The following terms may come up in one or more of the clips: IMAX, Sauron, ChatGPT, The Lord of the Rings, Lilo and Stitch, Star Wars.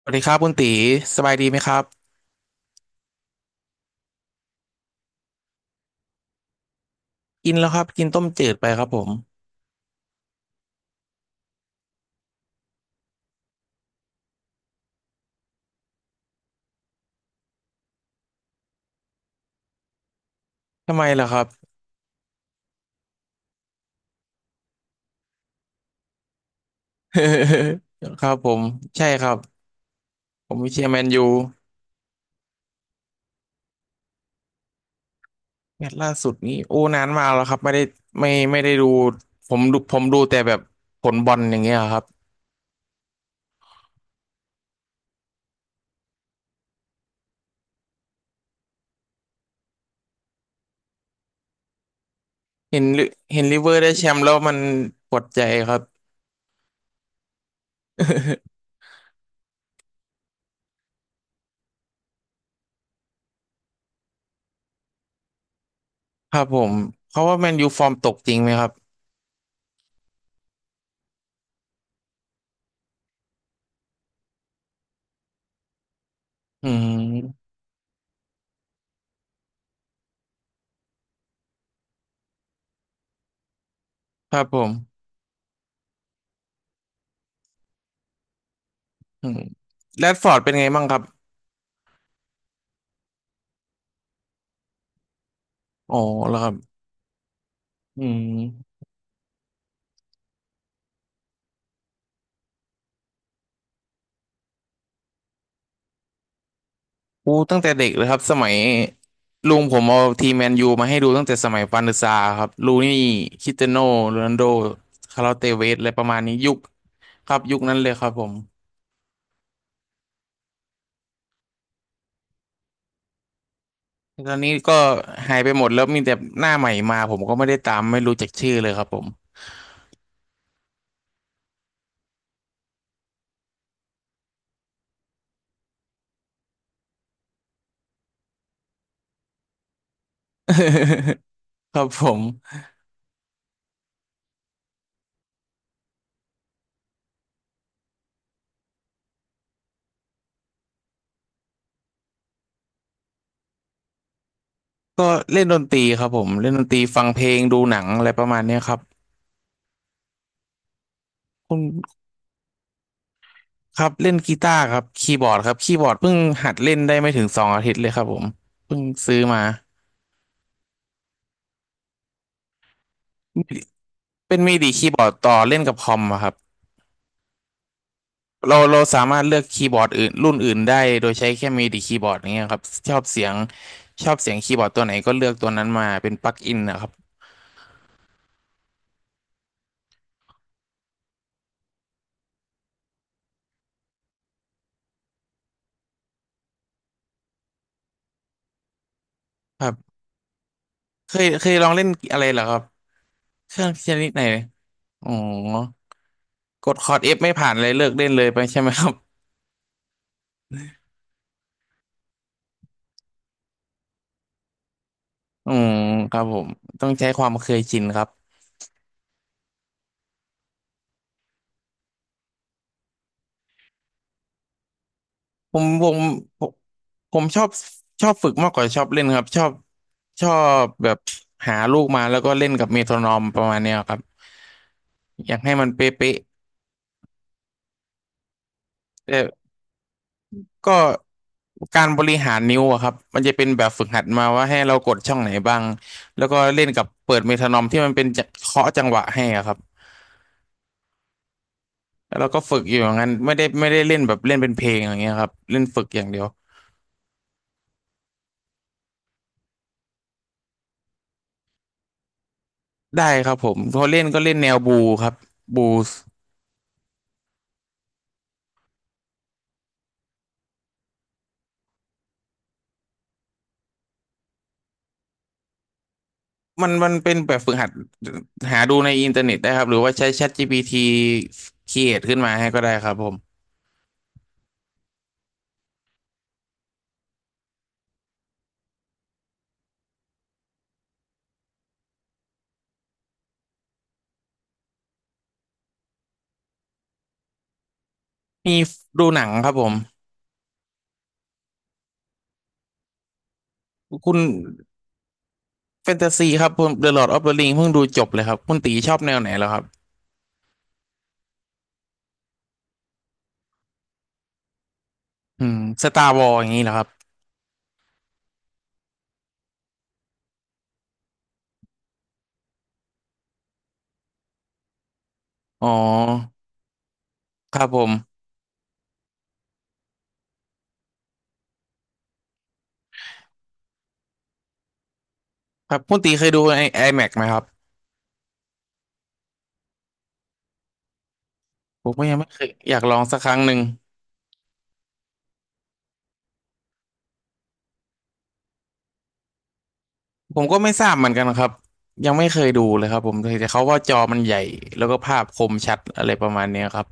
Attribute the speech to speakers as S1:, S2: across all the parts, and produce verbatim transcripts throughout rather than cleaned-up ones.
S1: สวัสดีครับคุณตีสบายดีไหมครับกินแล้วครับกินต้มจืดไปครับผมทำไมล่ะครับ ครับผมใช่ครับผมเชียร์แมนยูแมตช์ล่าสุดนี้โอ้นานมากแล้วครับไม่ได้ไม่ไม่ได้ดูผมดูผมดูแต่แบบผลบอลอย่างเงี้ยครับเห็นลิเห็นลิเวอร์ได้แชมป์แล้วมันปวดใจครับ ครับผมเขาว่าแมนยูฟอร์มตกจริงไหมครับอืมครับผมอืมแรดฟอร์ดเป็นไงบ้างครับอ๋อแล้วครับอืม อู้ตั้งแต่เด็กเลยครับสมัยลุงผมเอาทีมแมนยูมาให้ดูตั้งแต่สมัยปานศึกษาครับลูนี่คริสเตียโน่โรนัลโดคาร์ลอสเตเวสอะไรประมาณนี้ยุคครับยุคนั้นเลยครับผมตอนนี้ก็หายไปหมดแล้วมีแต่หน้าใหม่มาผมก็ไม่ได้ตามไม่รู้จักชื่อเลยครับผม ครับผมก็เล่นดนตรีครับผมเล่นดนตรีฟังเพลงดูหนังอะไรประมาณเนี้ยครับคุณครับเล่นกีตาร์ครับคีย์บอร์ดครับคีย์บอร์ดเพิ่งหัดเล่นได้ไม่ถึงสองอาทิตย์เลยครับผมเพิ่งซื้อมา เป็นมิดิคีย์บอร์ดต่อเล่นกับคอมอะครับเราเราสามารถเลือกคีย์บอร์ดอื่นรุ่นอื่นได้โดยใช้แค่มิดิคีย์บอร์ดอย่างเงี้ยครับชอบเสียงชอบเสียงคีย์บอร์ดตัวไหนก็เลือกตัวนั้นมาเป็นปลั๊กอินนะครับครับเคยเคยลองเล่นอะไรเหรอครับเครื่องชนิดไหนอ๋อกดคอร์ดเอฟไม่ผ่านเลยเลิกเล่นเลยไปใช่ไหมครับอืมครับผมต้องใช้ความเคยชินครับ ผมผมผมผมชอบชอบฝึกมากกว่าชอบเล่นครับชอบชอบแบบหาลูกมาแล้วก็เล่นกับเมโทรนอมประมาณเนี้ยครับอยากให้มันเป๊ะๆแต่ก็การบริหารนิ้วอะครับมันจะเป็นแบบฝึกหัดมาว่าให้เรากดช่องไหนบ้างแล้วก็เล่นกับเปิดเมโทรนอมที่มันเป็นจะเคาะจังหวะให้อะครับแล้วเราก็ฝึกอยู่อย่างนั้นไม่ได้ไม่ได้เล่นแบบเล่นเป็นเพลงอย่างเงี้ยครับเล่นฝึกอย่างเดียวได้ครับผมพอเล่นก็เล่นแนวบูครับบู มันมันเป็นแบบฝึกหัดหาดูในอินเทอร์เน็ตได้ครับหรือว่าใช้ ChatGPT เรียอขึ้นมาให้ก็ได้ครับผมมีดูหนังครับผมคุณแฟนตาซีครับผม The Lord of the Ring เพิ่งดูจบเลยครับคุณตีชอบแนวไหนแล้วครับอืม Star Wars อย่างนี้เหรอครับอ๋อครับผมครับคุณตีเคยดูไอ้ IMAX ไหมครับผมก็ยังไม่เคยอยากลองสักครั้งหนึ่งผมก็ไม่ทราบเหมือนกันครับยังไม่เคยดูเลยครับผมแต่เขาว่าจอมันใหญ่แล้วก็ภาพคมชัดอะไรประมาณเนี้ยครับ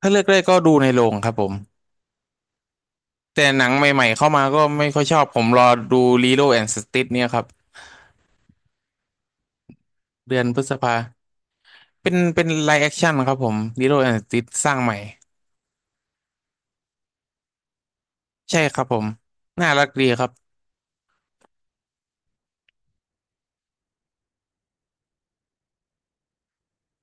S1: ถ้าเลือกได้ก็ดูในโรงครับผมแต่หนังใหม่ๆเข้ามาก็ไม่ค่อยชอบผมรอดู Lilo and Stitch เนี่ยครับเดือนพฤษภาเป็นเป็นไลฟ์แอคชั่นครับผม Lilo and Stitch สร้างใหม่ใช่ครับผมน่ารักดีครับ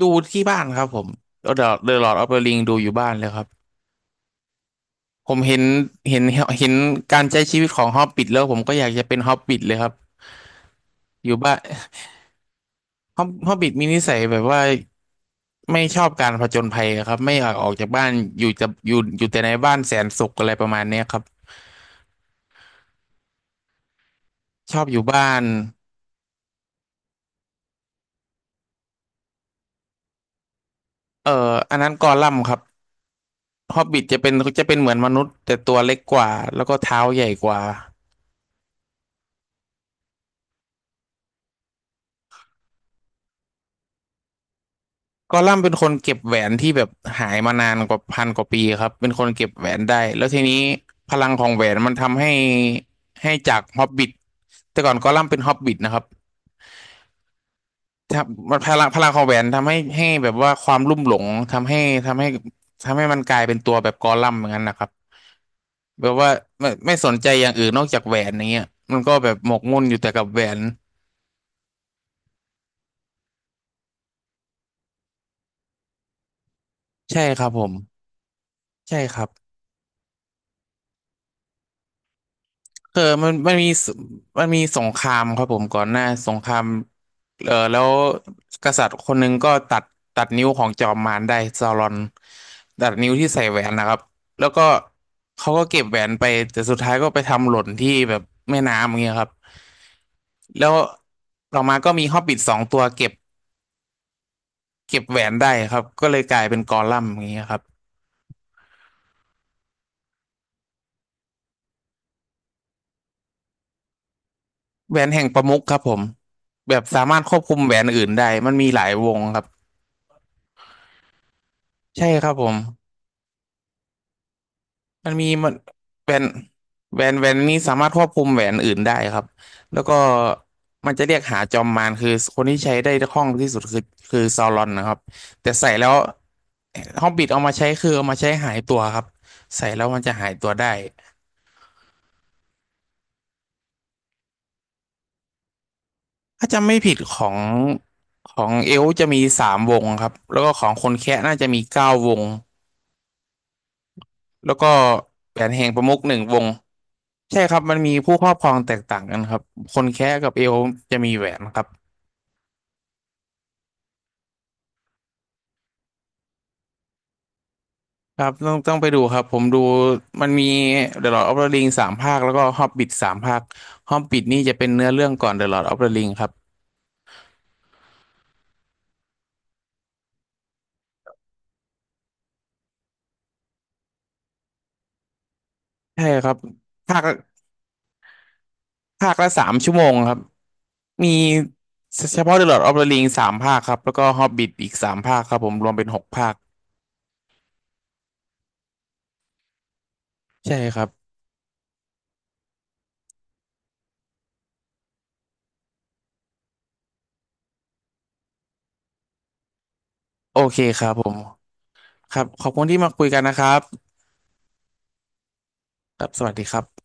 S1: ดูที่บ้านครับผมเดอะเดอะลอร์ดออฟเดอะริงดูอยู่บ้านเลยครับผมเห็นเห็นเห็นการใช้ชีวิตของฮอบบิ t แล้วผมก็อยากจะเป็นฮอบบิ t เลยครับอยู่บ้าน ฮอบฮอบบิ t มีนิสัยแบบว่า ไม่ชอบการผจญภัยครับไม่อยากออกจากบ้านอยู่จะอยู่อยู่แต่ในบ้านแสนสุขอะไรประมาณเนี้ยครับชอบอยู่บ้านเอ่ออันนั้นกอลัมน์ครับฮอบบิทจะเป็นจะเป็นเหมือนมนุษย์แต่ตัวเล็กกว่าแล้วก็เท้าใหญ่กว่ากอลัมน์เป็นคนเก็บแหวนที่แบบหายมานานกว่าพันกว่าปีครับเป็นคนเก็บแหวนได้แล้วทีนี้พลังของแหวนมันทำให้ให้จากฮอบบิทแต่ก่อนกอลัมน์เป็นฮอบบิทนะครับ ทำมันพลังพลังของแหวนทำให้ให้แบบว่าความลุ่มหลงทำให้ทำให้ทำให้มันกลายเป็นตัวแบบกอลัมน์อย่างนั้นนะครับแบบว่าไม่ไม่สนใจอย่างอื่นนอกจากแหวนอย่างเงี้ยมันก็แบบหมกมุ่นอยู่แต่กับแหวนใช่ครับผมใช่ครับ เออมันมันมีสมันมีสงครามครับผมก่อนหน้าสงคราม เออแล้วกษัตริย์คนหนึงก็ตัดตัดนิ้วของจอมมารได้ซารอนตัดนิ้วที่ใส่แหวนนะครับแล้วก็เขาก็เก็บแหวนไปแต่สุดท้ายก็ไปทำหล่นที่แบบแม่น้ำอย่างเงี้ยครับแล้วต่อมาก็มีฮอบบิทสองตัวเก็บเก็บแหวนได้ครับก็เลยกลายเป็นกอลัมน์อย่างเงี้ยครับแหวนแห่งประมุขครับผมแบบสามารถควบคุมแหวนอื่นได้มันมีหลายวงครับใช่ครับผม มันมีมันแหวนแหวนแหวนนี้สามารถควบคุมแหวนอื่นได้ครับแล้วก็มันจะเรียกหาจอมมารคือคนที่ใช้ได้คล่องที่สุดคือคือซาวรอนนะครับแต่ใส่แล้วฮอบบิทเอามาใช้คือเอามาใช้หายตัวครับใส่แล้วมันจะหายตัวได้ถ้าจำไม่ผิดของของเอลฟ์จะมีสามวงครับแล้วก็ของคนแคะน่าจะมีเก้าวงแล้วก็แหวนแห่งประมุขหนึ่งวงใช่ครับมันมีผู้ครอบครองแตกต่างกันครับคนแคะกับเอลฟ์จะมีแหวนครับ ครับต้องต้องไปดูครับผมดูมันมี The Lord of the Ring สามภาคแล้วก็ Hobbit สามภาค Hobbit นี่จะเป็นเนื้อเรื่องก่อน The Lord of the Ring ครับใช่ครับภาคภาคละสามชั่วโมงครับมีเฉพาะ The Lord of the Ring สามภาคครับแล้วก็ Hobbit อีกสามภาคครับผมรวมเป็นหกภาคใช่ครับโอเคครับผมครับขอบคุณที่มาคุยกันนะครับครับสวัสดีครับ